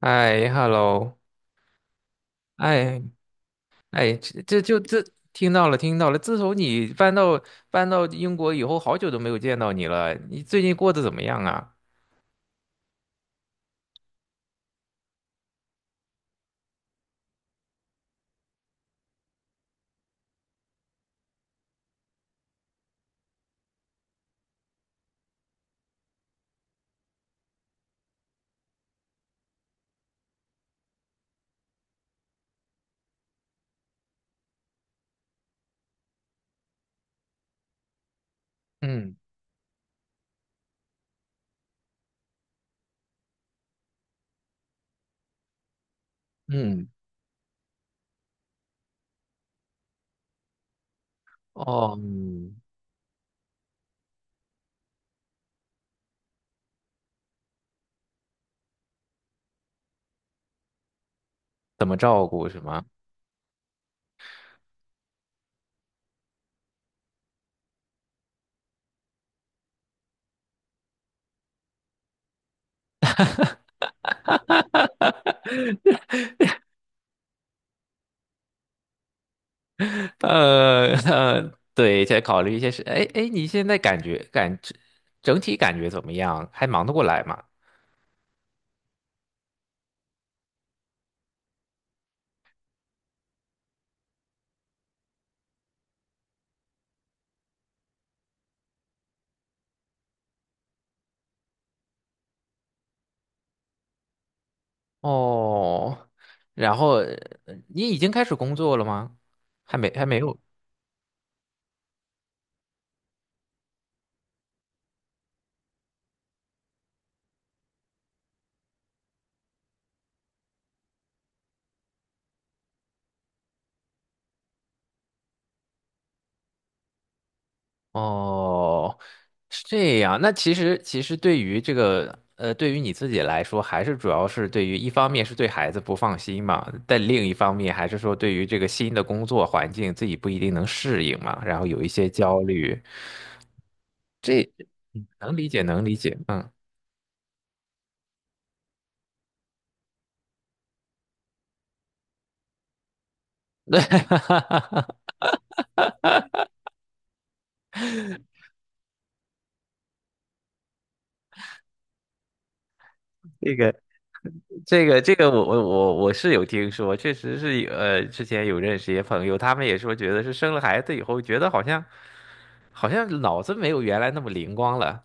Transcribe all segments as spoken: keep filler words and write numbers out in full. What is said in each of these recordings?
哎，hello，哎哎，这这就这听到了，听到了。自从你搬到搬到英国以后，好久都没有见到你了。你最近过得怎么样啊？嗯嗯，哦，嗯怎么照顾是吗？呃呃，对，再考虑一些事。哎哎，你现在感觉感整体感觉怎么样？还忙得过来吗？哦，然后呃你已经开始工作了吗？还没，还没有。哦，是这样。那其实，其实对于这个，呃，对于你自己来说，还是主要是对于一方面是对孩子不放心嘛，但另一方面还是说对于这个新的工作环境自己不一定能适应嘛，然后有一些焦虑，这嗯能理解，能理解，嗯。这个这个这个我我我我是有听说，确实是有呃，之前有认识一些朋友，他们也说觉得是生了孩子以后，觉得好像好像脑子没有原来那么灵光了。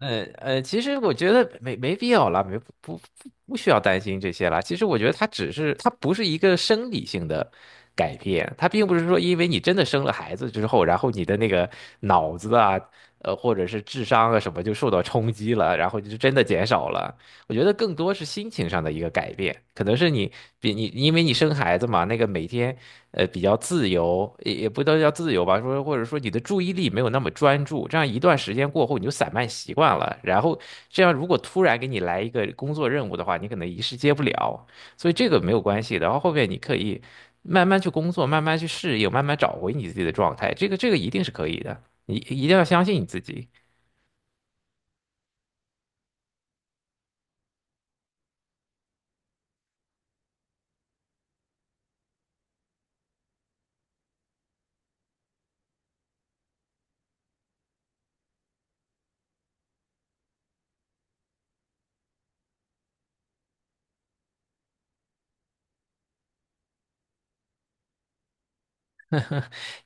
呃呃，其实我觉得没没必要啦，没不不不需要担心这些啦。其实我觉得它只是它不是一个生理性的改变，它并不是说因为你真的生了孩子之后，然后你的那个脑子啊，呃或者是智商啊什么就受到冲击了，然后就真的减少了。我觉得更多是心情上的一个改变，可能是你比你因为你生孩子嘛，那个每天。呃比较自由，也也不都叫自由吧，说或者说你的注意力没有那么专注，这样一段时间过后你就散漫习惯了，然后这样如果突然给你来一个工作任务的话，你可能一时接不了，所以这个没有关系的，然后后面你可以慢慢去工作，慢慢去适应，慢慢找回你自己的状态，这个这个一定是可以的，你一定要相信你自己。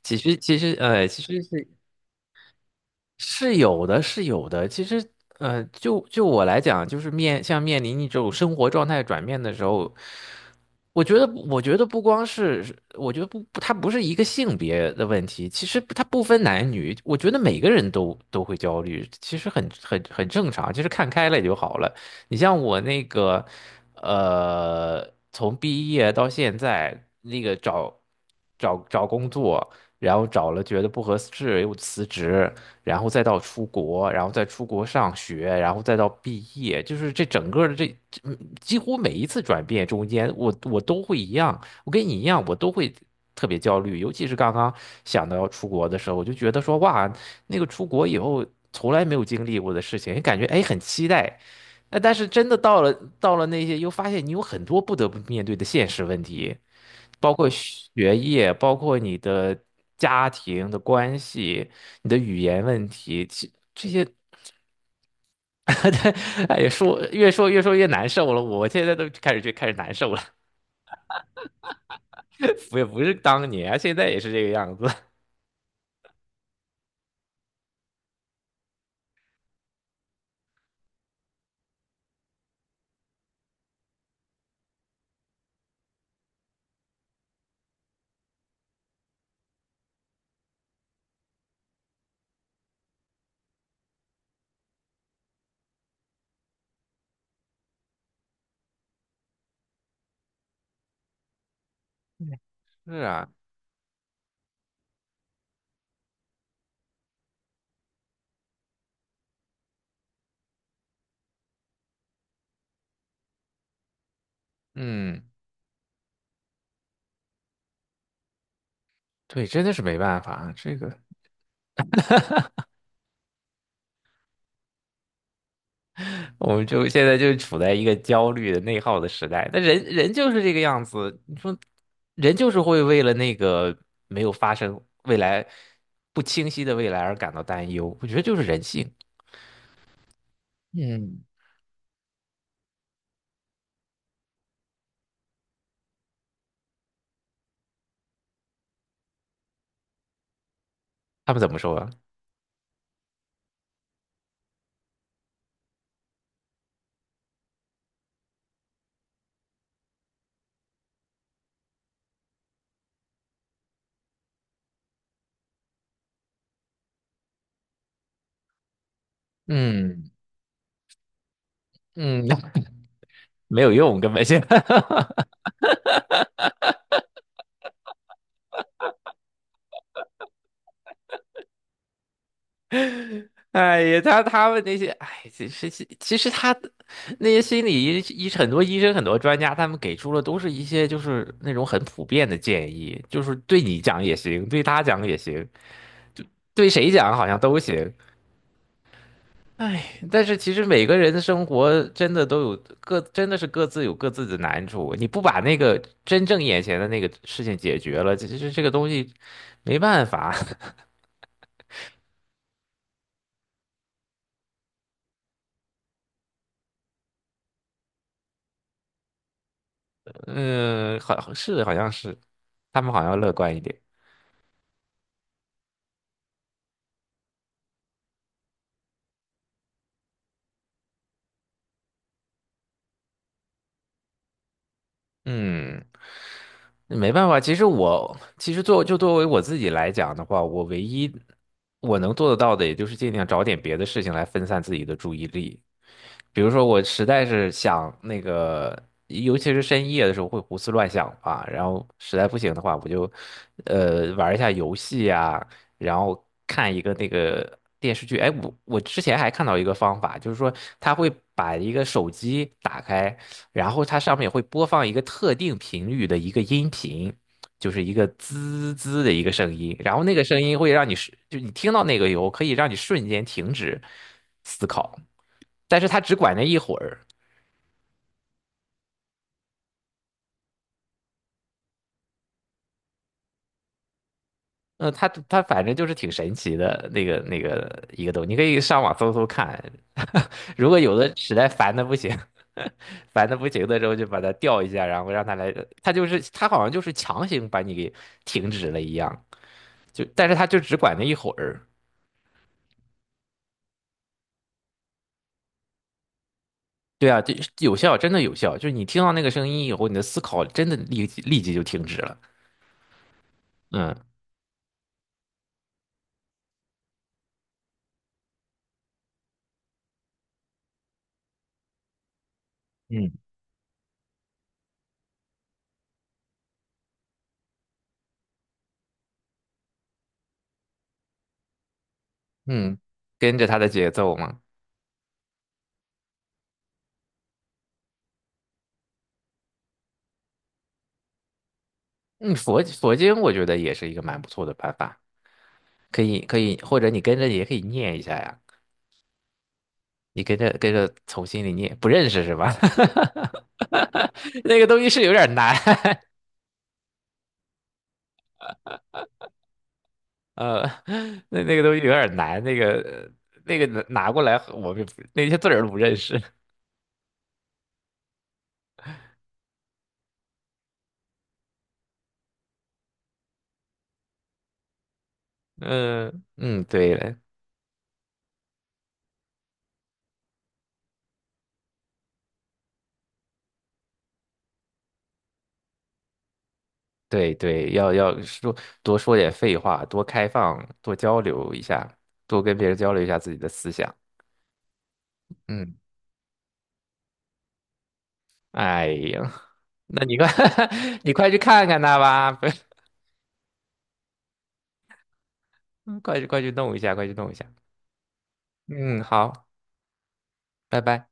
其实其实呃其实是。是有的，是有的。其实，呃，就就我来讲，就是面像面临一种生活状态转变的时候，我觉得，我觉得不光是，我觉得不，不它不是一个性别的问题，其实它不分男女，我觉得每个人都都会焦虑，其实很很很正常，其实看开了就好了。你像我那个，呃，从毕业到现在，那个找找找工作，然后找了觉得不合适又辞职，然后再到出国，然后再出国上学，然后再到毕业，就是这整个的这这嗯几乎每一次转变中间，我我都会一样，我跟你一样，我都会。特别焦虑，尤其是刚刚想到要出国的时候，我就觉得说，哇，那个出国以后从来没有经历过的事情，感觉哎很期待，呃，但是真的到了到了那些，又发现你有很多不得不面对的现实问题，包括学业，包括你的家庭的关系，你的语言问题，其这些，哎呀，说越说越说越难受了。我现在都开始就开始难受了，我也不是当年啊现在也是这个样子。是啊，嗯，对，真的是没办法啊，这个。我们就现在就处在一个焦虑的内耗的时代，那人人就是这个样子。你说，人就是会为了那个没有发生未来不清晰的未来而感到担忧。我觉得就是人性。嗯他们怎么说啊嗯嗯，没有用，根本就。哎呀，他他们那些，哎，其实其实他那些心理医医很多医生很多专家，他们给出了都是一些就是那种很普遍的建议，就是对你讲也行，对他讲也行。对谁讲好像都行。哎，但是其实每个人的生活真的都有各，真的是各自有各自的难处。你不把那个真正眼前的那个事情解决了，其实这个东西没办法。嗯，好，是好像是，他们好像乐观一点。嗯，没办法，其实我其实作就作为我自己来讲的话，我唯一我能做得到的，也就是尽量找点别的事情来分散自己的注意力。比如说，我实在是想那个，尤其是深夜的时候会胡思乱想吧，然后实在不行的话，我就呃玩一下游戏啊，然后看一个那个电视剧。哎，我我之前还看到一个方法，就是说他会把一个手机打开。然后它上面会播放一个特定频率的一个音频，就是一个滋滋的一个声音，然后那个声音会让你是，就你听到那个以后可以让你瞬间停止思考，但是它只管那一会儿。嗯，它它反正就是挺神奇的那个那个一个东西，你可以上网搜搜看。如果有的实在烦的不行，烦的不行的时候，就把它调一下，然后让它来，它就是它好像就是强行把你给停止了一样，就但是它就只管那一会儿。对啊，就有效，真的有效。就是你听到那个声音以后，你的思考真的立即立即就停止了。嗯嗯嗯，跟着它的节奏嘛。嗯，佛佛经我觉得也是一个蛮不错的办法，可以可以，或者你跟着也可以念一下呀。你跟着跟着从心里念，不认识是吧？那个东西是有点难，呃，那那个东西有点难，那个那个拿拿过来，我们也不那些字儿都不认识。嗯嗯，对了。对对，要要说多说点废话，多开放，多交流一下，多跟别人交流一下自己的思想。嗯，哎呀，那你快 你快去看看他吧，快去快去弄一下，快去弄一下。嗯，好，拜拜。